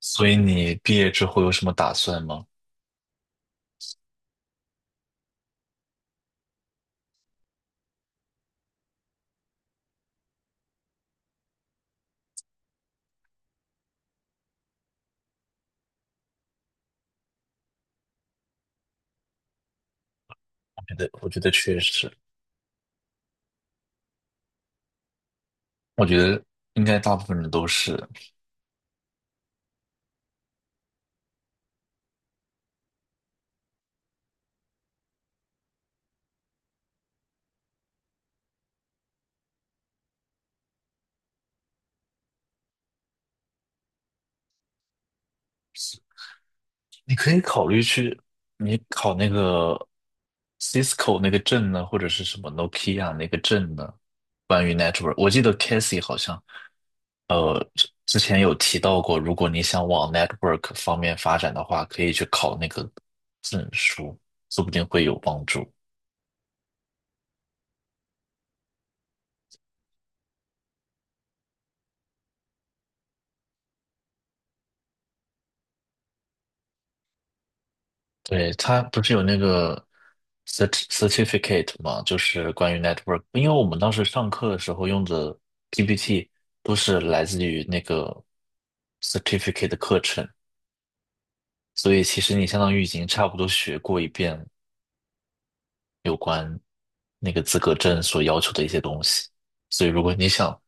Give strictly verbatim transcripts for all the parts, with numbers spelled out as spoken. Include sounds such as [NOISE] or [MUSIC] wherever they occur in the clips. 所以你毕业之后有什么打算吗？我觉得，我觉得确实，我觉得应该大部分人都是。你可以考虑去，你考那个 Cisco 那个证呢，或者是什么 Nokia 那个证呢，关于 network。我记得 Casey 好像，呃，之之前有提到过，如果你想往 network 方面发展的话，可以去考那个证书，说不定会有帮助。对，它不是有那个 cert- certificate 嘛，就是关于 network，因为我们当时上课的时候用的 P P T 都是来自于那个 certificate 的课程，所以其实你相当于已经差不多学过一遍有关那个资格证所要求的一些东西，所以如果你想，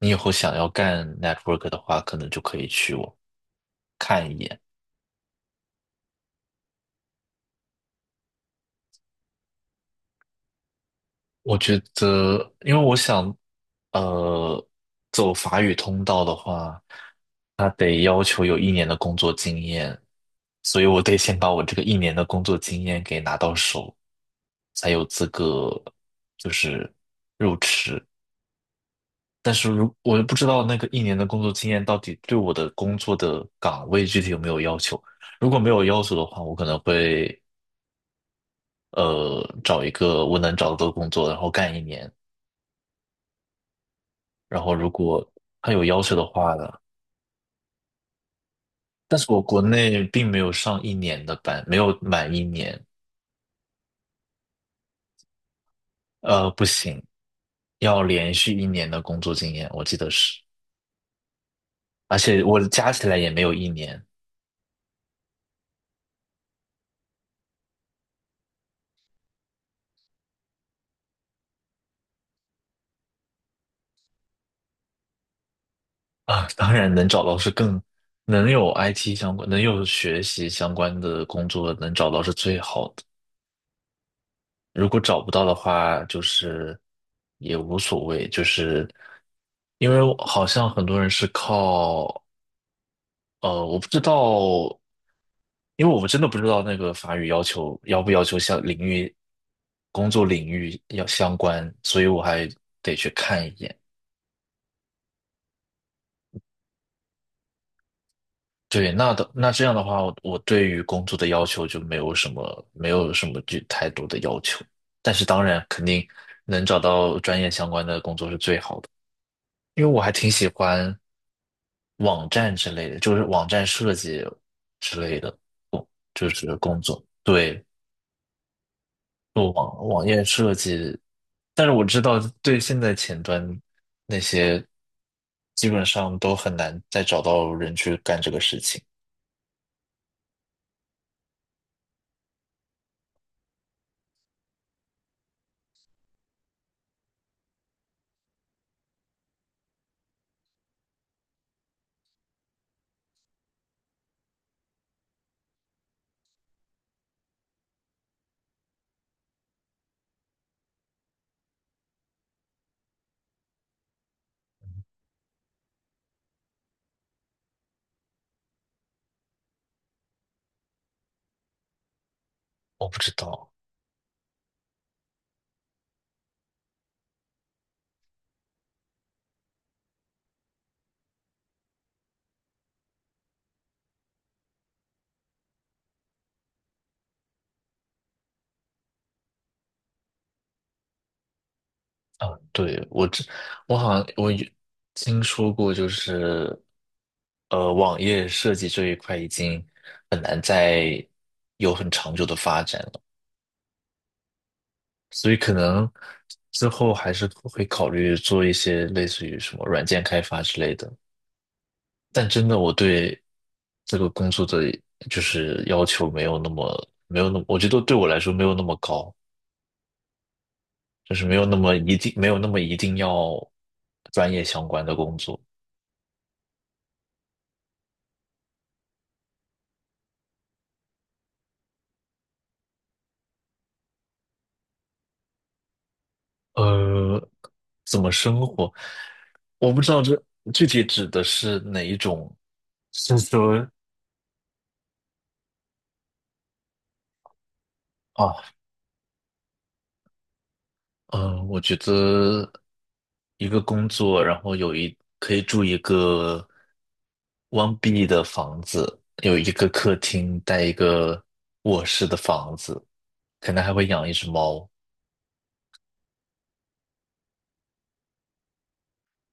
你以后想要干 network 的话，可能就可以去我看一眼。我觉得，因为我想，呃，走法语通道的话，他得要求有一年的工作经验，所以我得先把我这个一年的工作经验给拿到手，才有资格就是入池。但是如我又不知道那个一年的工作经验到底对我的工作的岗位具体有没有要求。如果没有要求的话，我可能会呃找一个我能找到的工作，然后干一年。然后如果他有要求的话呢，但是我国内并没有上一年的班，没有满一年，呃，不行，要连续一年的工作经验，我记得是，而且我加起来也没有一年啊，当然能找到是更能有 I T 相关，能有学习相关的工作，能找到是最好的。如果找不到的话，就是也无所谓，就是因为好像很多人是靠呃，我不知道，因为我们真的不知道那个法语要求要不要求像领域工作领域要相关，所以我还得去看一眼。对，那的那这样的话，我我对于工作的要求就没有什么没有什么就太多的要求，但是当然肯定能找到专业相关的工作是最好的，因为我还挺喜欢网站之类的，就是网站设计之类的，就是工作。对，做网网页设计，但是我知道对现在前端那些基本上都很难再找到人去干这个事情。我不知道。啊，对，我知，我好像我有听说过，就是呃，网页设计这一块已经很难再有很长久的发展了，所以可能之后还是会考虑做一些类似于什么软件开发之类的。但真的我对这个工作的就是要求没有那么没有那么，我觉得对我来说没有那么高，就是没有那么一定没有那么一定要专业相关的工作。呃，怎么生活？我不知道这具体指的是哪一种，是说。啊，哦，呃，我觉得一个工作，然后有一可以住一个 one B 的房子，有一个客厅，带一个卧室的房子，可能还会养一只猫。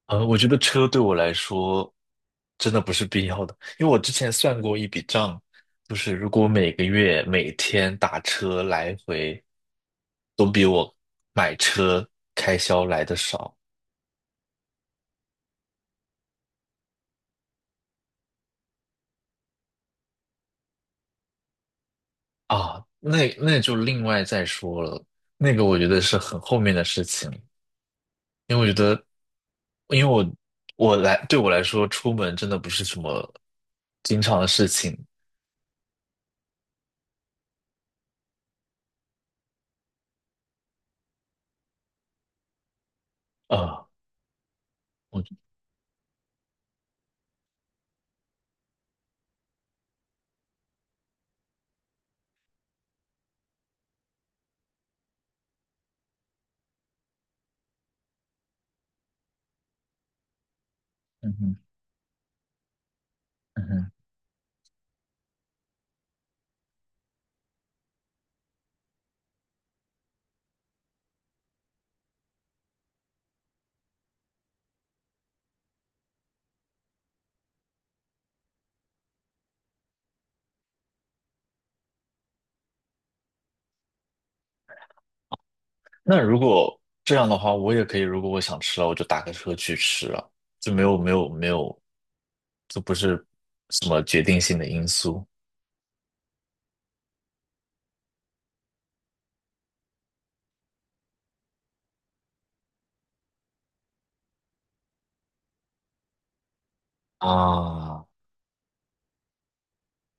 呃，我觉得车对我来说真的不是必要的，因为我之前算过一笔账，就是如果每个月每天打车来回，都比我买车开销来的少。啊，那那就另外再说了，那个我觉得是很后面的事情，因为我觉得，因为我我来对我来说，出门真的不是什么经常的事情啊。我嗯哼，嗯哼。那如果这样的话，我也可以，如果我想吃了，我就打个车去吃了，就没有没有没有，就不是什么决定性的因素啊，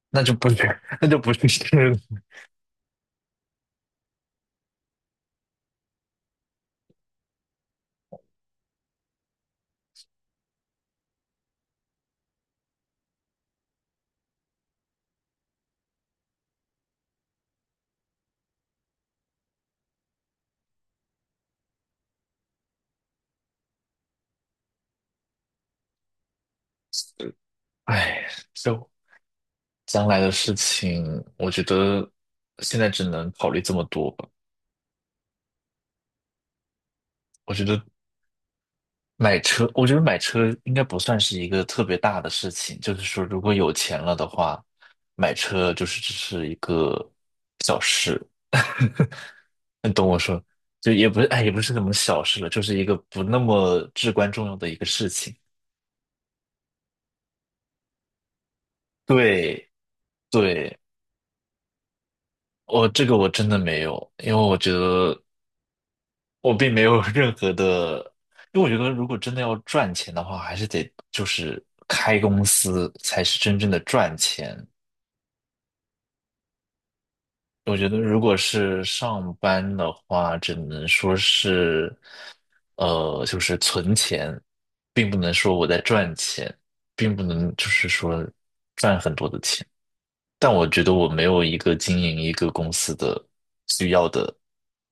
那就不是 [LAUGHS] 那就不是吃了，[LAUGHS] 哎，就。将来的事情，我觉得现在只能考虑这么多吧。我觉得买车，我觉得买车应该不算是一个特别大的事情。就是说，如果有钱了的话，买车就是只是一个小事。[LAUGHS] 你懂我说，就也不是，哎，也不是什么小事了，就是一个不那么至关重要的一个事情。对，对，我这个我真的没有，因为我觉得我并没有任何的，因为我觉得如果真的要赚钱的话，还是得就是开公司才是真正的赚钱。我觉得如果是上班的话，只能说是，呃，就是存钱，并不能说我在赚钱，并不能就是说赚很多的钱。但我觉得我没有一个经营一个公司的需要的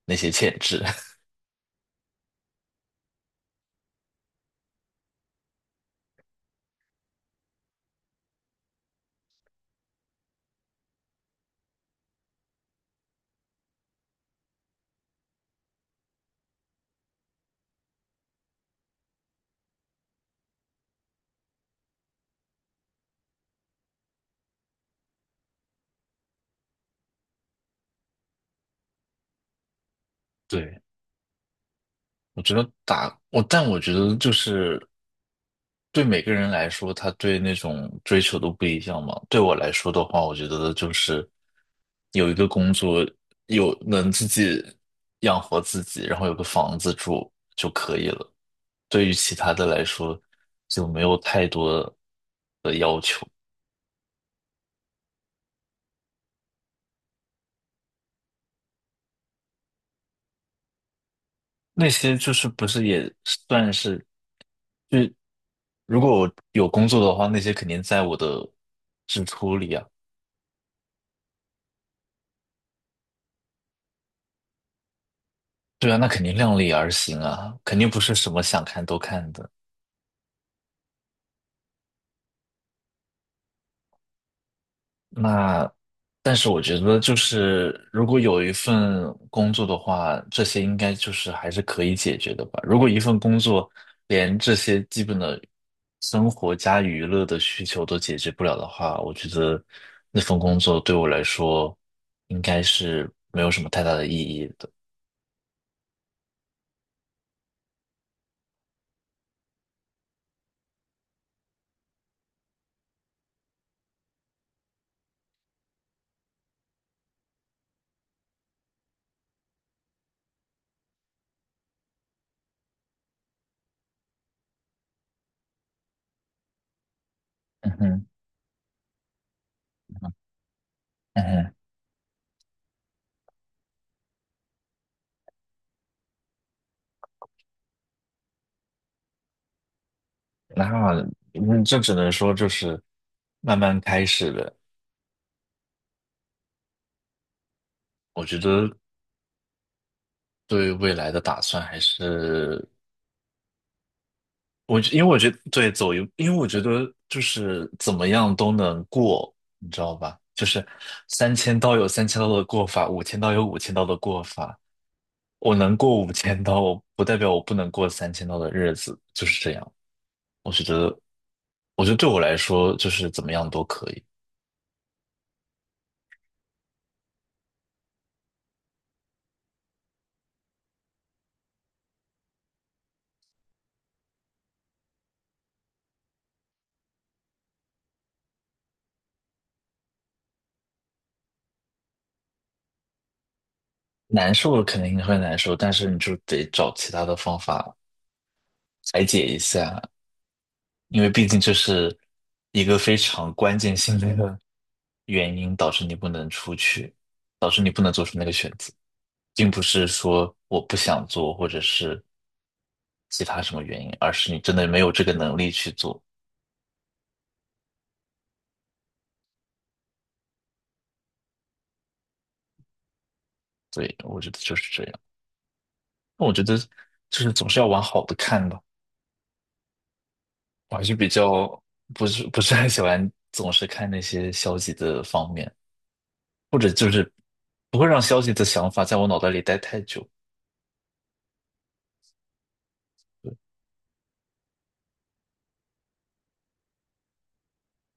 那些潜质。[LAUGHS] 对，我觉得打我，但我觉得就是。对每个人来说，他对那种追求都不一样嘛。对我来说的话，我觉得就是有一个工作，有能自己养活自己，然后有个房子住就可以了。对于其他的来说，就没有太多的要求。那些就是不是也算是，就如果我有工作的话，那些肯定在我的支出里啊。对啊，那肯定量力而行啊，肯定不是什么想看都看的。那，但是我觉得，就是如果有一份工作的话，这些应该就是还是可以解决的吧。如果一份工作连这些基本的生活加娱乐的需求都解决不了的话，我觉得那份工作对我来说应该是没有什么太大的意义的。嗯哼，嗯哼。那嗯，这只能说就是慢慢开始了。我觉得对未来的打算还是。我因为我觉得对走一，因为我觉得就是怎么样都能过，你知道吧？就是三千刀有三千刀的过法，五千刀有五千刀的过法。我能过五千刀，我不代表我不能过三千刀的日子，就是这样。我觉得，我觉得对我来说，就是怎么样都可以。难受肯定会难受，但是你就得找其他的方法排解一下。因为毕竟这是一个非常关键性的原因，导致你不能出去，导致你不能做出那个选择，并不是说我不想做，或者是其他什么原因，而是你真的没有这个能力去做。对，我觉得就是这样。那我觉得就是总是要往好的看吧，我还是比较不是不是很喜欢总是看那些消极的方面，或者就是不会让消极的想法在我脑袋里待太久。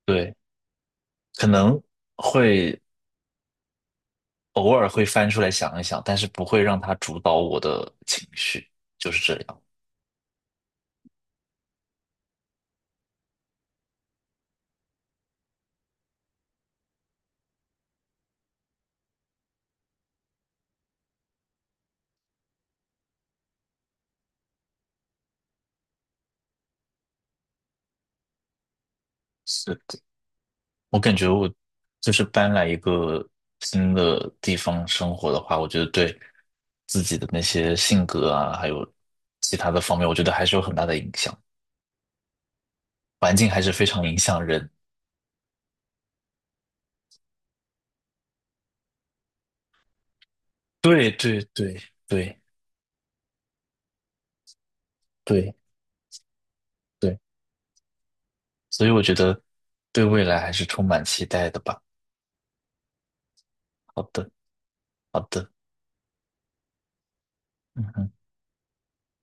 对。可能会偶尔会翻出来想一想，但是不会让它主导我的情绪，就是这样。是的，我感觉我就是搬来一个新的地方生活的话，我觉得对自己的那些性格啊，还有其他的方面，我觉得还是有很大的影响。环境还是非常影响人。对对对，对对对，所以我觉得对未来还是充满期待的吧。好的，好的，嗯哼。